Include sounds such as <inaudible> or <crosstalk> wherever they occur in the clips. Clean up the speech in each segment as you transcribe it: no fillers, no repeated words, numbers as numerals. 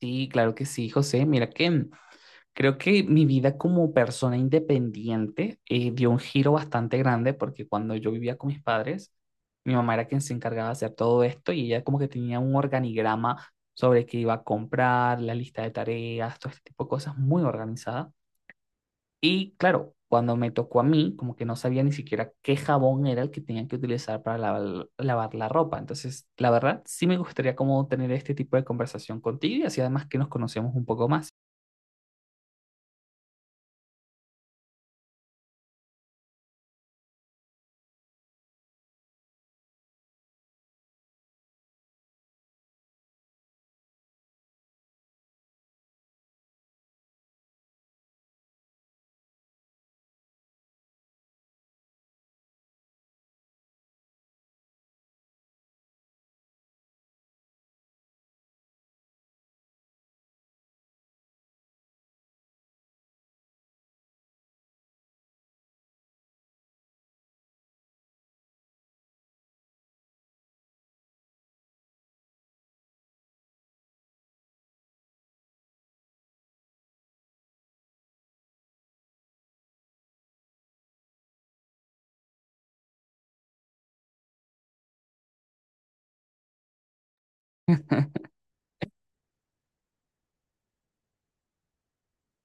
Sí, claro que sí, José. Mira que creo que mi vida como persona independiente dio un giro bastante grande porque cuando yo vivía con mis padres, mi mamá era quien se encargaba de hacer todo esto y ella como que tenía un organigrama sobre qué iba a comprar, la lista de tareas, todo este tipo de cosas muy organizada. Y claro, cuando me tocó a mí, como que no sabía ni siquiera qué jabón era el que tenía que utilizar para lavar la ropa. Entonces, la verdad, sí me gustaría como tener este tipo de conversación contigo y así además que nos conocemos un poco más.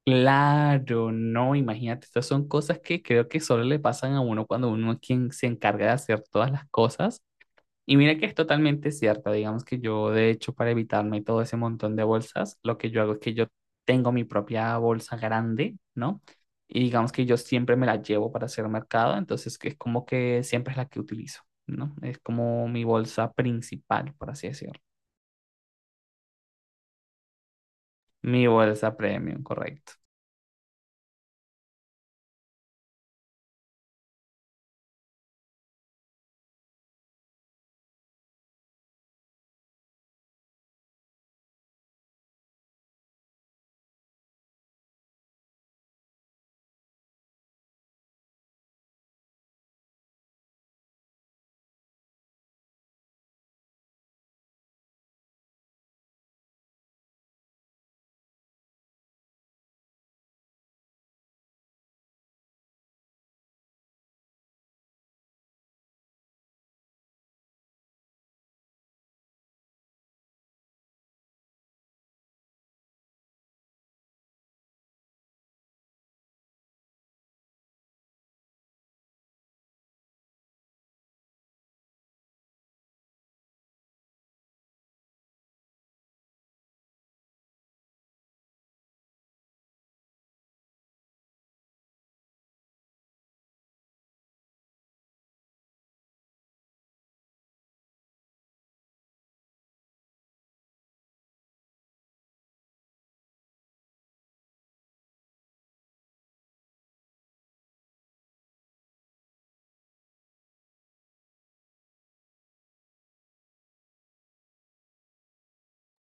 Claro, no, imagínate, estas son cosas que creo que solo le pasan a uno cuando uno es quien se encarga de hacer todas las cosas. Y mira que es totalmente cierto, digamos que yo de hecho para evitarme todo ese montón de bolsas, lo que yo hago es que yo tengo mi propia bolsa grande, ¿no? Y digamos que yo siempre me la llevo para hacer mercado, entonces que es como que siempre es la que utilizo, ¿no? Es como mi bolsa principal, por así decirlo. Mi bolsa premium, correcto.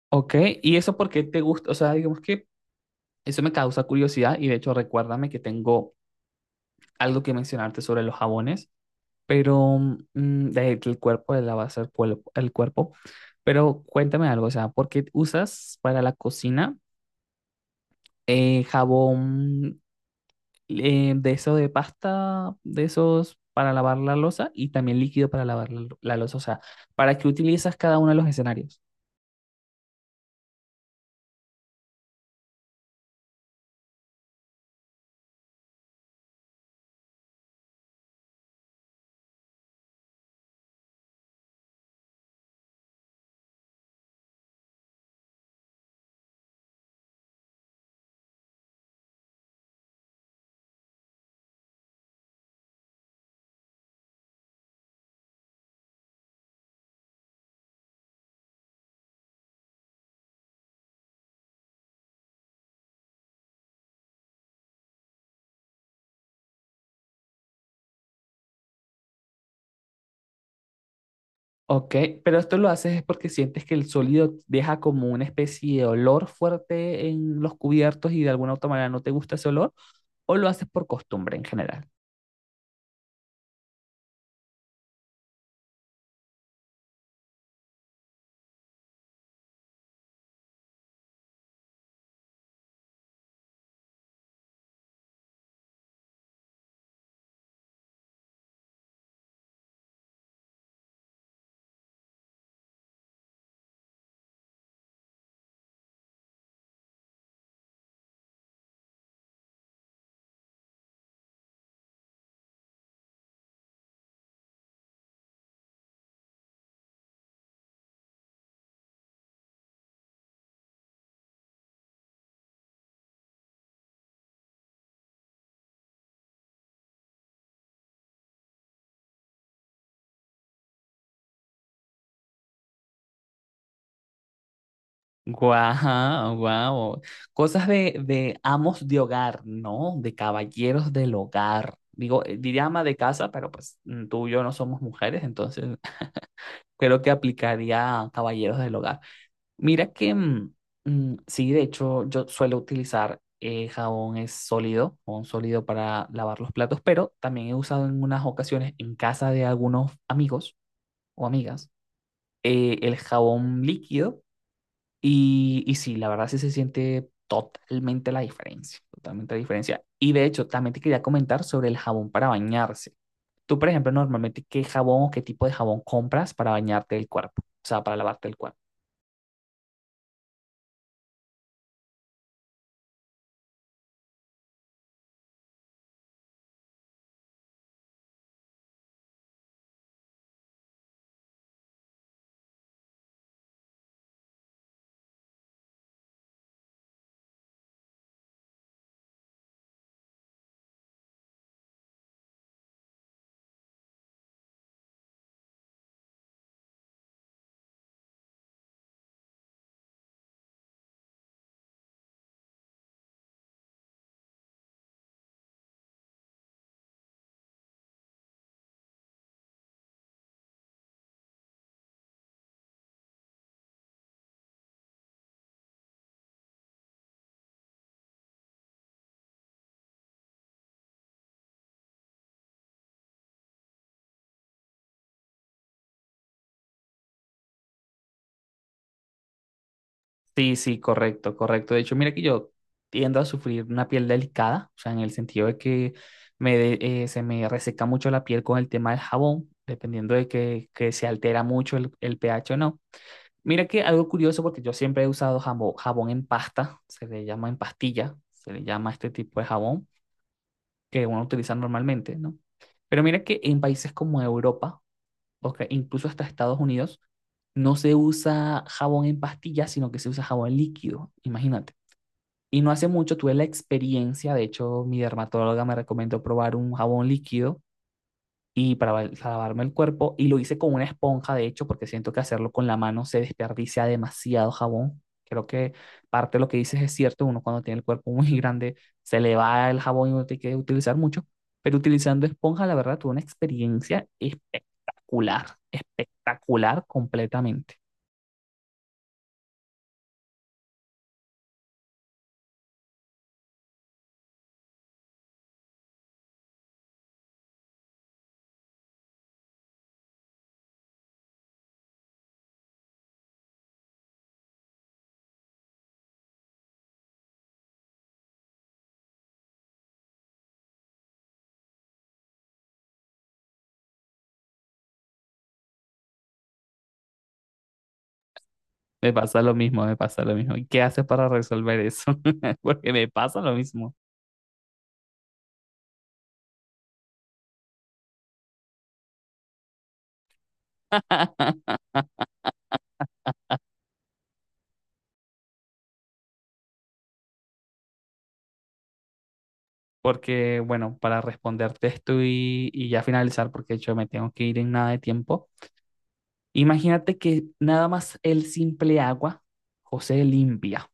Ok, ¿y eso por qué te gusta? O sea, digamos que eso me causa curiosidad y de hecho recuérdame que tengo algo que mencionarte sobre los jabones. Pero mm, el cuerpo de la base el cuerpo, el cuerpo. Pero cuéntame algo, o sea, ¿por qué usas para la cocina jabón, de eso de pasta, de esos para lavar la loza y también líquido para lavar la loza? O sea, ¿para qué utilizas cada uno de los escenarios? Ok, pero esto lo haces es porque sientes que el sólido deja como una especie de olor fuerte en los cubiertos y de alguna otra manera no te gusta ese olor, o lo haces por costumbre en general. Guau, guau. Cosas de amos de hogar, ¿no? De caballeros del hogar. Digo, diría ama de casa, pero pues mm, tú y yo no somos mujeres, entonces <laughs> creo que aplicaría a caballeros del hogar. Mira que, mm, mm, sí, de hecho, yo suelo utilizar jabón es sólido, jabón sólido para lavar los platos, pero también he usado en unas ocasiones en casa de algunos amigos o amigas, el jabón líquido y sí, la verdad sí se siente totalmente la diferencia, totalmente la diferencia. Y de hecho, también te quería comentar sobre el jabón para bañarse. Tú, por ejemplo, normalmente, ¿qué jabón o qué tipo de jabón compras para bañarte el cuerpo? O sea, para lavarte el cuerpo. Sí, sí, correcto, correcto. De hecho, mira que yo tiendo a sufrir una piel delicada, o sea, en el sentido de que se me reseca mucho la piel con el tema del jabón, dependiendo de que se altera mucho el pH o no. Mira que algo curioso, porque yo siempre he usado jabón en pasta, se le llama en pastilla, se le llama este tipo de jabón que uno utiliza normalmente, ¿no? Pero mira que en países como Europa, o que incluso hasta Estados Unidos, no se usa jabón en pastilla, sino que se usa jabón líquido, imagínate. Y no hace mucho tuve la experiencia, de hecho mi dermatóloga me recomendó probar un jabón líquido y para, lavarme el cuerpo y lo hice con una esponja, de hecho, porque siento que hacerlo con la mano se desperdicia demasiado jabón. Creo que parte de lo que dices es cierto, uno cuando tiene el cuerpo muy <laughs> grande se le va el jabón y uno tiene que utilizar mucho, pero utilizando esponja, la verdad, tuve una experiencia espectacular, espectacular completamente. Me pasa lo mismo, me pasa lo mismo. ¿Y qué haces para resolver eso? <laughs> Porque me pasa lo mismo. Porque, bueno, para responderte esto y ya finalizar, porque de hecho me tengo que ir en nada de tiempo, imagínate que nada más el simple agua, José limpia,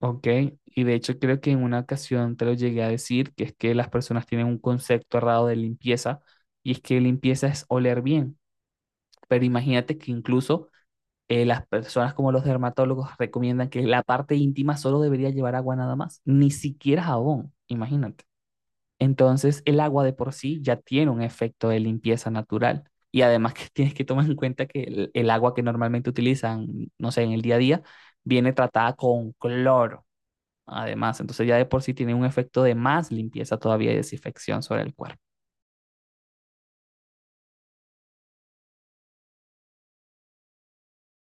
¿ok? Y de hecho creo que en una ocasión te lo llegué a decir, que es que las personas tienen un concepto errado de limpieza, y es que limpieza es oler bien, pero imagínate que incluso las personas como los dermatólogos recomiendan que la parte íntima solo debería llevar agua nada más, ni siquiera jabón, imagínate. Entonces, el agua de por sí ya tiene un efecto de limpieza natural. Y además que <laughs> tienes que tomar en cuenta que el agua que normalmente utilizan, no sé, en el día a día, viene tratada con cloro. Además, entonces ya de por sí tiene un efecto de más limpieza todavía y desinfección sobre el cuerpo.